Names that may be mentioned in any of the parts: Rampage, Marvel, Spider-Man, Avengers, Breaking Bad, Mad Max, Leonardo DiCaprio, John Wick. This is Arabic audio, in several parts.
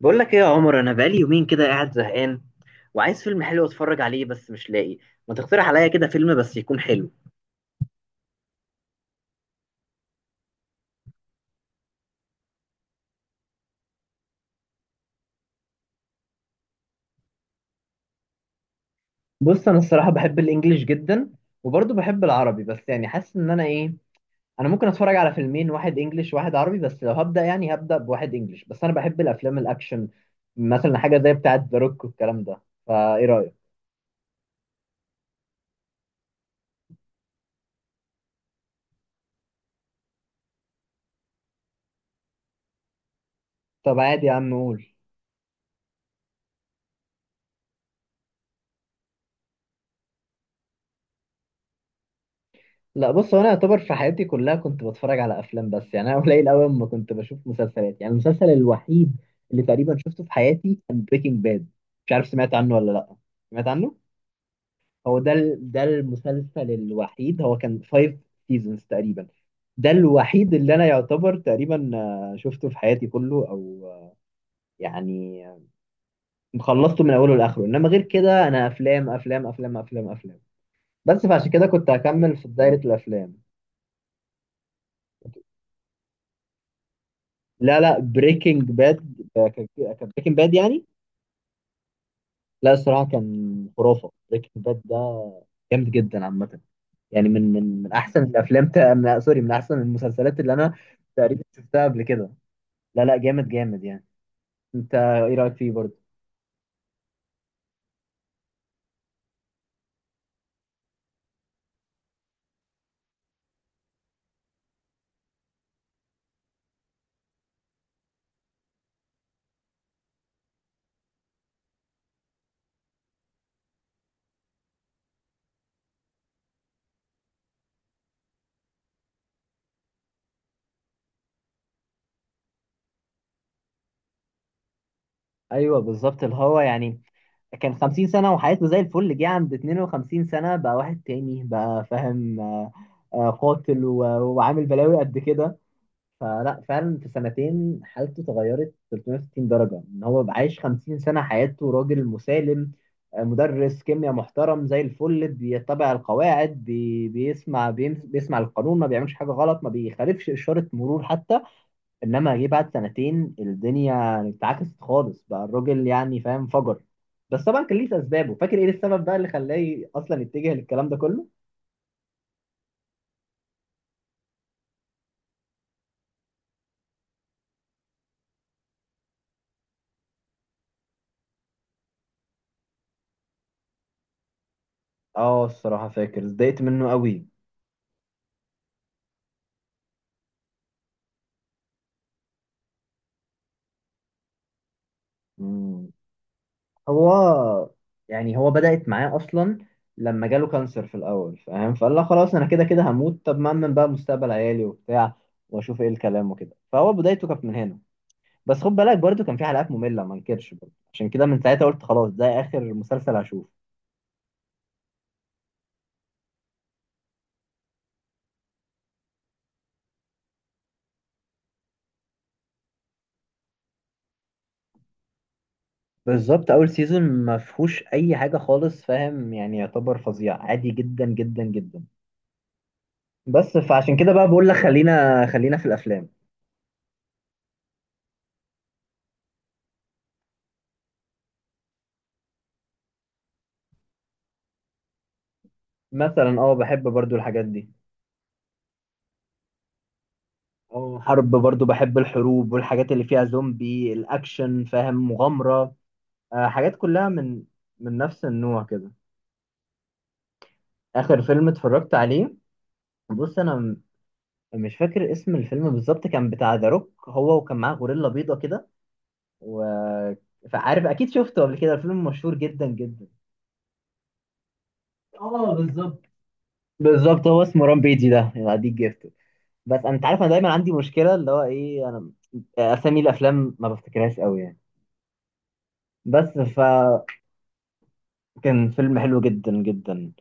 بقول لك ايه يا عمر، انا بقالي يومين كده قاعد زهقان وعايز فيلم حلو اتفرج عليه بس مش لاقي. ما تقترح عليا كده فيلم بس يكون حلو. بص انا الصراحه بحب الانجليش جدا وبرضه بحب العربي بس يعني حاسس ان انا ايه. انا ممكن اتفرج على فيلمين، واحد انجليش واحد عربي، بس لو هبدا يعني هبدا بواحد انجليش. بس انا بحب الافلام الاكشن، مثلا حاجه زي بتاعه ذا روك والكلام ده. فايه رايك؟ طب عادي يا عم قول. لا بص، هو انا اعتبر في حياتي كلها كنت بتفرج على افلام، بس يعني انا قليل قوي اما كنت بشوف مسلسلات. يعني المسلسل الوحيد اللي تقريبا شفته في حياتي كان بريكنج باد. مش عارف سمعت عنه ولا لا. سمعت عنه. هو ده ده المسلسل الوحيد. هو كان 5 سيزونز تقريبا. ده الوحيد اللي انا يعتبر تقريبا شفته في حياتي كله او يعني آه، خلصته من اوله لاخره. انما غير كده انا افلام افلام افلام افلام افلام. بس فعشان كده كنت هكمل في دايرة الافلام. لا لا، بريكنج باد كان، بريكنج باد يعني. لا الصراحه كان خرافه بريكنج باد ده. جامد جدا عامه. يعني من احسن الافلام تا... من... سوري من احسن المسلسلات اللي انا تقريبا شفتها قبل كده. لا لا، جامد جامد يعني. انت ايه رايك فيه برضه؟ ايوه بالظبط اللي هو يعني كان 50 سنه وحياته زي الفل، جه عند 52 سنه بقى واحد تاني، بقى فاهم قاتل وعامل بلاوي قد كده. فلا فعلا في سنتين حالته اتغيرت 360 درجة. ان هو بقى عايش 50 سنة حياته راجل مسالم، مدرس كيمياء محترم زي الفل بيتبع القواعد، بي بيسمع بيمس بيسمع القانون ما بيعملش حاجة غلط، ما بيخالفش إشارة مرور حتى. انما جه بعد سنتين الدنيا اتعكست خالص، بقى الراجل يعني فاهم فجر. بس طبعا كان ليه اسبابه. فاكر ايه السبب بقى اللي خلاه اصلا يتجه للكلام ده كله؟ اه الصراحة فاكر اتضايقت منه قوي. هو يعني هو بدأت معاه أصلا لما جاله كانسر في الأول فاهم، فقال لا خلاص أنا كده كده هموت، طب ما أمن بقى مستقبل عيالي وبتاع وأشوف إيه الكلام وكده. فهو بدايته كانت من هنا. بس خد بالك برضو كان في حلقات مملة ما انكرش برضو، عشان كده من ساعتها قلت خلاص ده آخر مسلسل هشوفه. بالظبط أول سيزون ما فيهوش أي حاجة خالص فاهم، يعني يعتبر فظيع عادي جدا جدا جدا. بس فعشان كده بقى بقول لك خلينا في الأفلام. مثلا اه بحب برضو الحاجات دي. اه حرب برضو بحب الحروب والحاجات اللي فيها زومبي الاكشن فاهم مغامرة. آه حاجات كلها من نفس النوع كده. اخر فيلم اتفرجت عليه، بص انا مش فاكر اسم الفيلم بالظبط. كان بتاع ذا روك هو وكان معاه غوريلا بيضة كده و فعارف اكيد شفته قبل كده الفيلم مشهور جدا جدا. اه بالظبط. بالظبط هو اسمه رامبيجي ده، يبقى دي جيفت. بس انا انت عارف انا دايما عندي مشكله اللي هو ايه انا اسامي الافلام ما بفتكرهاش قوي يعني. بس كان فيلم حلو جدا جدا.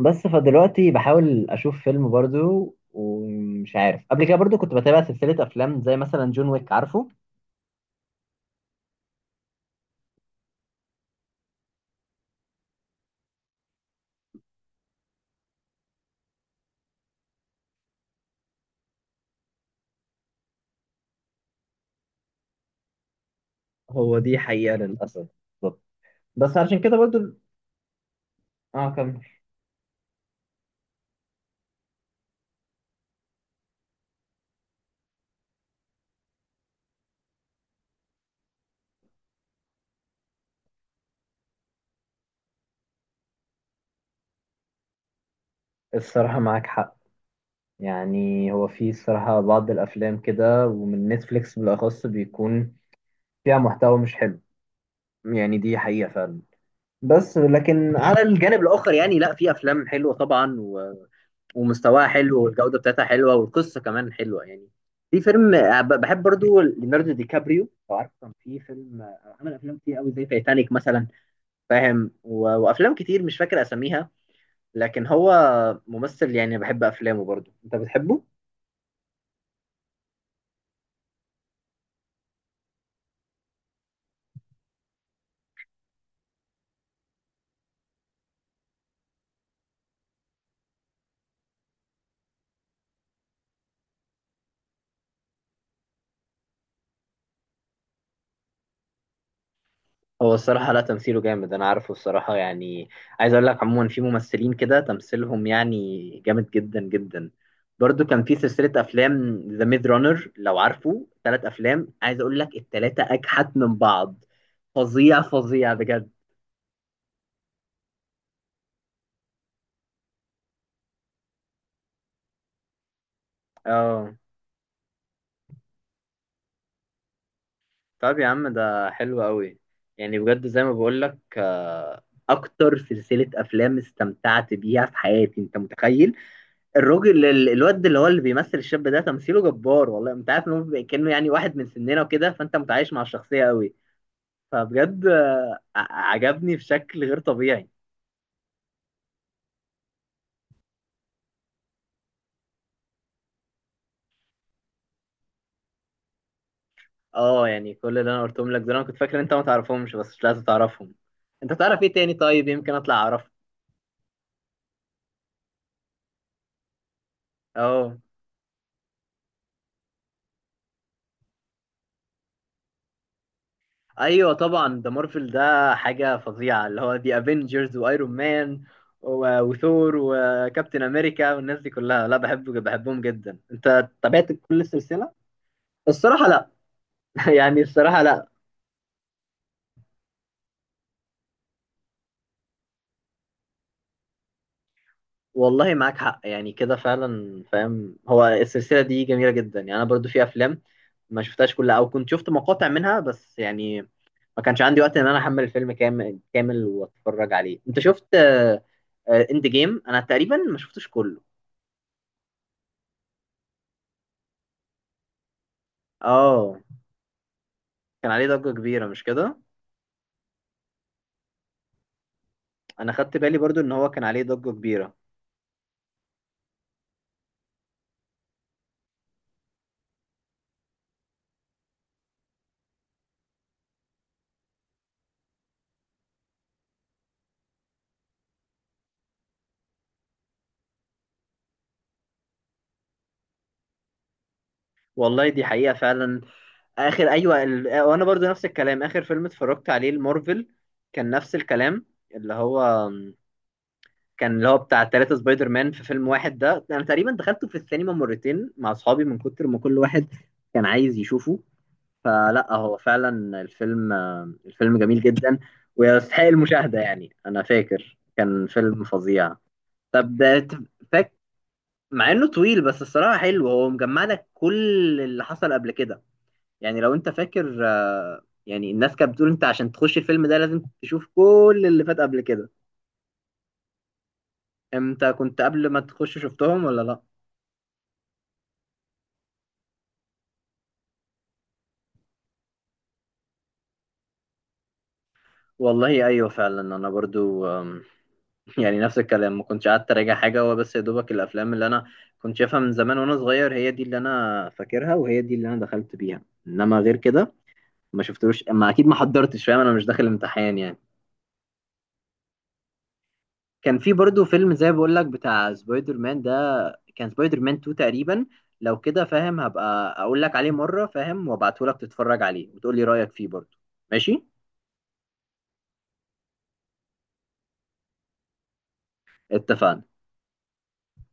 بس فدلوقتي بحاول اشوف فيلم برضو ومش عارف. قبل كده برضو كنت بتابع سلسلة افلام زي مثلا جون ويك عارفه. هو دي حقيقة للاسف. بالظبط. بس عشان كده برضو اه كمل. الصراحة معاك حق. يعني هو في الصراحة بعض الافلام كده ومن نتفليكس بالاخص بيكون فيها محتوى مش حلو يعني، دي حقيقة فعلا. بس لكن على الجانب الاخر يعني لا في افلام حلوة طبعا، ومستواها حلو والجودة بتاعتها حلوة والقصة كمان حلوة يعني. في فيلم بحب برضو ليوناردو دي كابريو لو عارف. كان في فيلم عمل أفلام كتير قوي زي تايتانيك مثلا فاهم، وأفلام كتير مش فاكر أساميها. لكن هو ممثل يعني بحب أفلامه. برضو أنت بتحبه؟ هو الصراحة لا تمثيله جامد أنا عارفه الصراحة يعني. عايز أقول لك عموما في ممثلين كده تمثيلهم يعني جامد جدا جدا. برضو كان في سلسلة أفلام ذا ميد رانر لو عارفه، ثلاث أفلام عايز أقول لك التلاتة أجحت من بعض. فظيع فظيع بجد. اه طب يا عم ده حلو قوي. يعني بجد زي ما بقول لك أكتر سلسلة أفلام استمتعت بيها في حياتي. أنت متخيل الراجل الواد اللي هو اللي بيمثل الشاب ده تمثيله جبار والله. انت عارف ان هو بيبقى كأنه يعني واحد من سننا وكده، فانت متعايش مع الشخصية قوي. فبجد عجبني بشكل غير طبيعي. اه يعني كل اللي انا قلتهم لك دول انا كنت فاكر ان انت ما تعرفهمش، بس مش لازم تعرفهم. انت تعرف ايه تاني؟ طيب يمكن اطلع اعرفه. اه. ايوه طبعا ده مارفل. ده حاجة فظيعة اللي هو دي افنجرز وايرون مان وثور وكابتن امريكا والناس دي كلها. لا بحبه بحبهم جدا. انت تابعت كل السلسلة؟ الصراحة لا. يعني الصراحة لا. والله معاك حق يعني كده فعلا فاهم. هو السلسلة دي جميلة جدا يعني. أنا برضو في أفلام ما شفتهاش كلها أو كنت شفت مقاطع منها بس يعني ما كانش عندي وقت إن أنا أحمل الفيلم كامل كامل وأتفرج عليه. أنت شفت إند جيم؟ أنا تقريبا ما شفتش كله. آه كان عليه ضجة كبيرة مش كده؟ أنا خدت بالي برضو إن هو كان عليه ضجة كبيرة. والله دي حقيقة فعلا. آخر أيوة وأنا برضو نفس الكلام آخر فيلم اتفرجت عليه المارفل كان نفس الكلام اللي هو كان اللي هو بتاع ثلاثة سبايدر مان في فيلم واحد ده. انا تقريبا دخلته في السينما مرتين مع اصحابي من كتر ما كل واحد كان عايز يشوفه. فلا هو فعلا الفيلم، الفيلم جميل جدا ويستحق المشاهدة. يعني انا فاكر كان فيلم فظيع. طب ده فاك مع انه طويل بس الصراحة حلو. هو مجمع لك كل اللي حصل قبل كده يعني. لو انت فاكر يعني الناس كانت بتقول انت عشان تخش الفيلم ده لازم تشوف كل اللي فات قبل كده. انت كنت قبل ما تخش شفتهم ولا لا؟ والله ايوه فعلا. انا برضو يعني نفس الكلام ما كنتش قعدت اراجع حاجه. هو بس يا دوبك الافلام اللي انا كنت شايفها من زمان وانا صغير هي دي اللي انا فاكرها وهي دي اللي انا دخلت بيها. انما غير كده ما شفتلوش، ما اكيد ما حضرتش فاهم. انا مش داخل امتحان يعني. كان في برضو فيلم زي بقول لك بتاع سبايدر مان ده، كان سبايدر مان 2 تقريبا لو كده فاهم. هبقى اقول لك عليه مره فاهم، وابعته لك تتفرج عليه وتقول لي رايك فيه برضو. ماشي اتفقنا.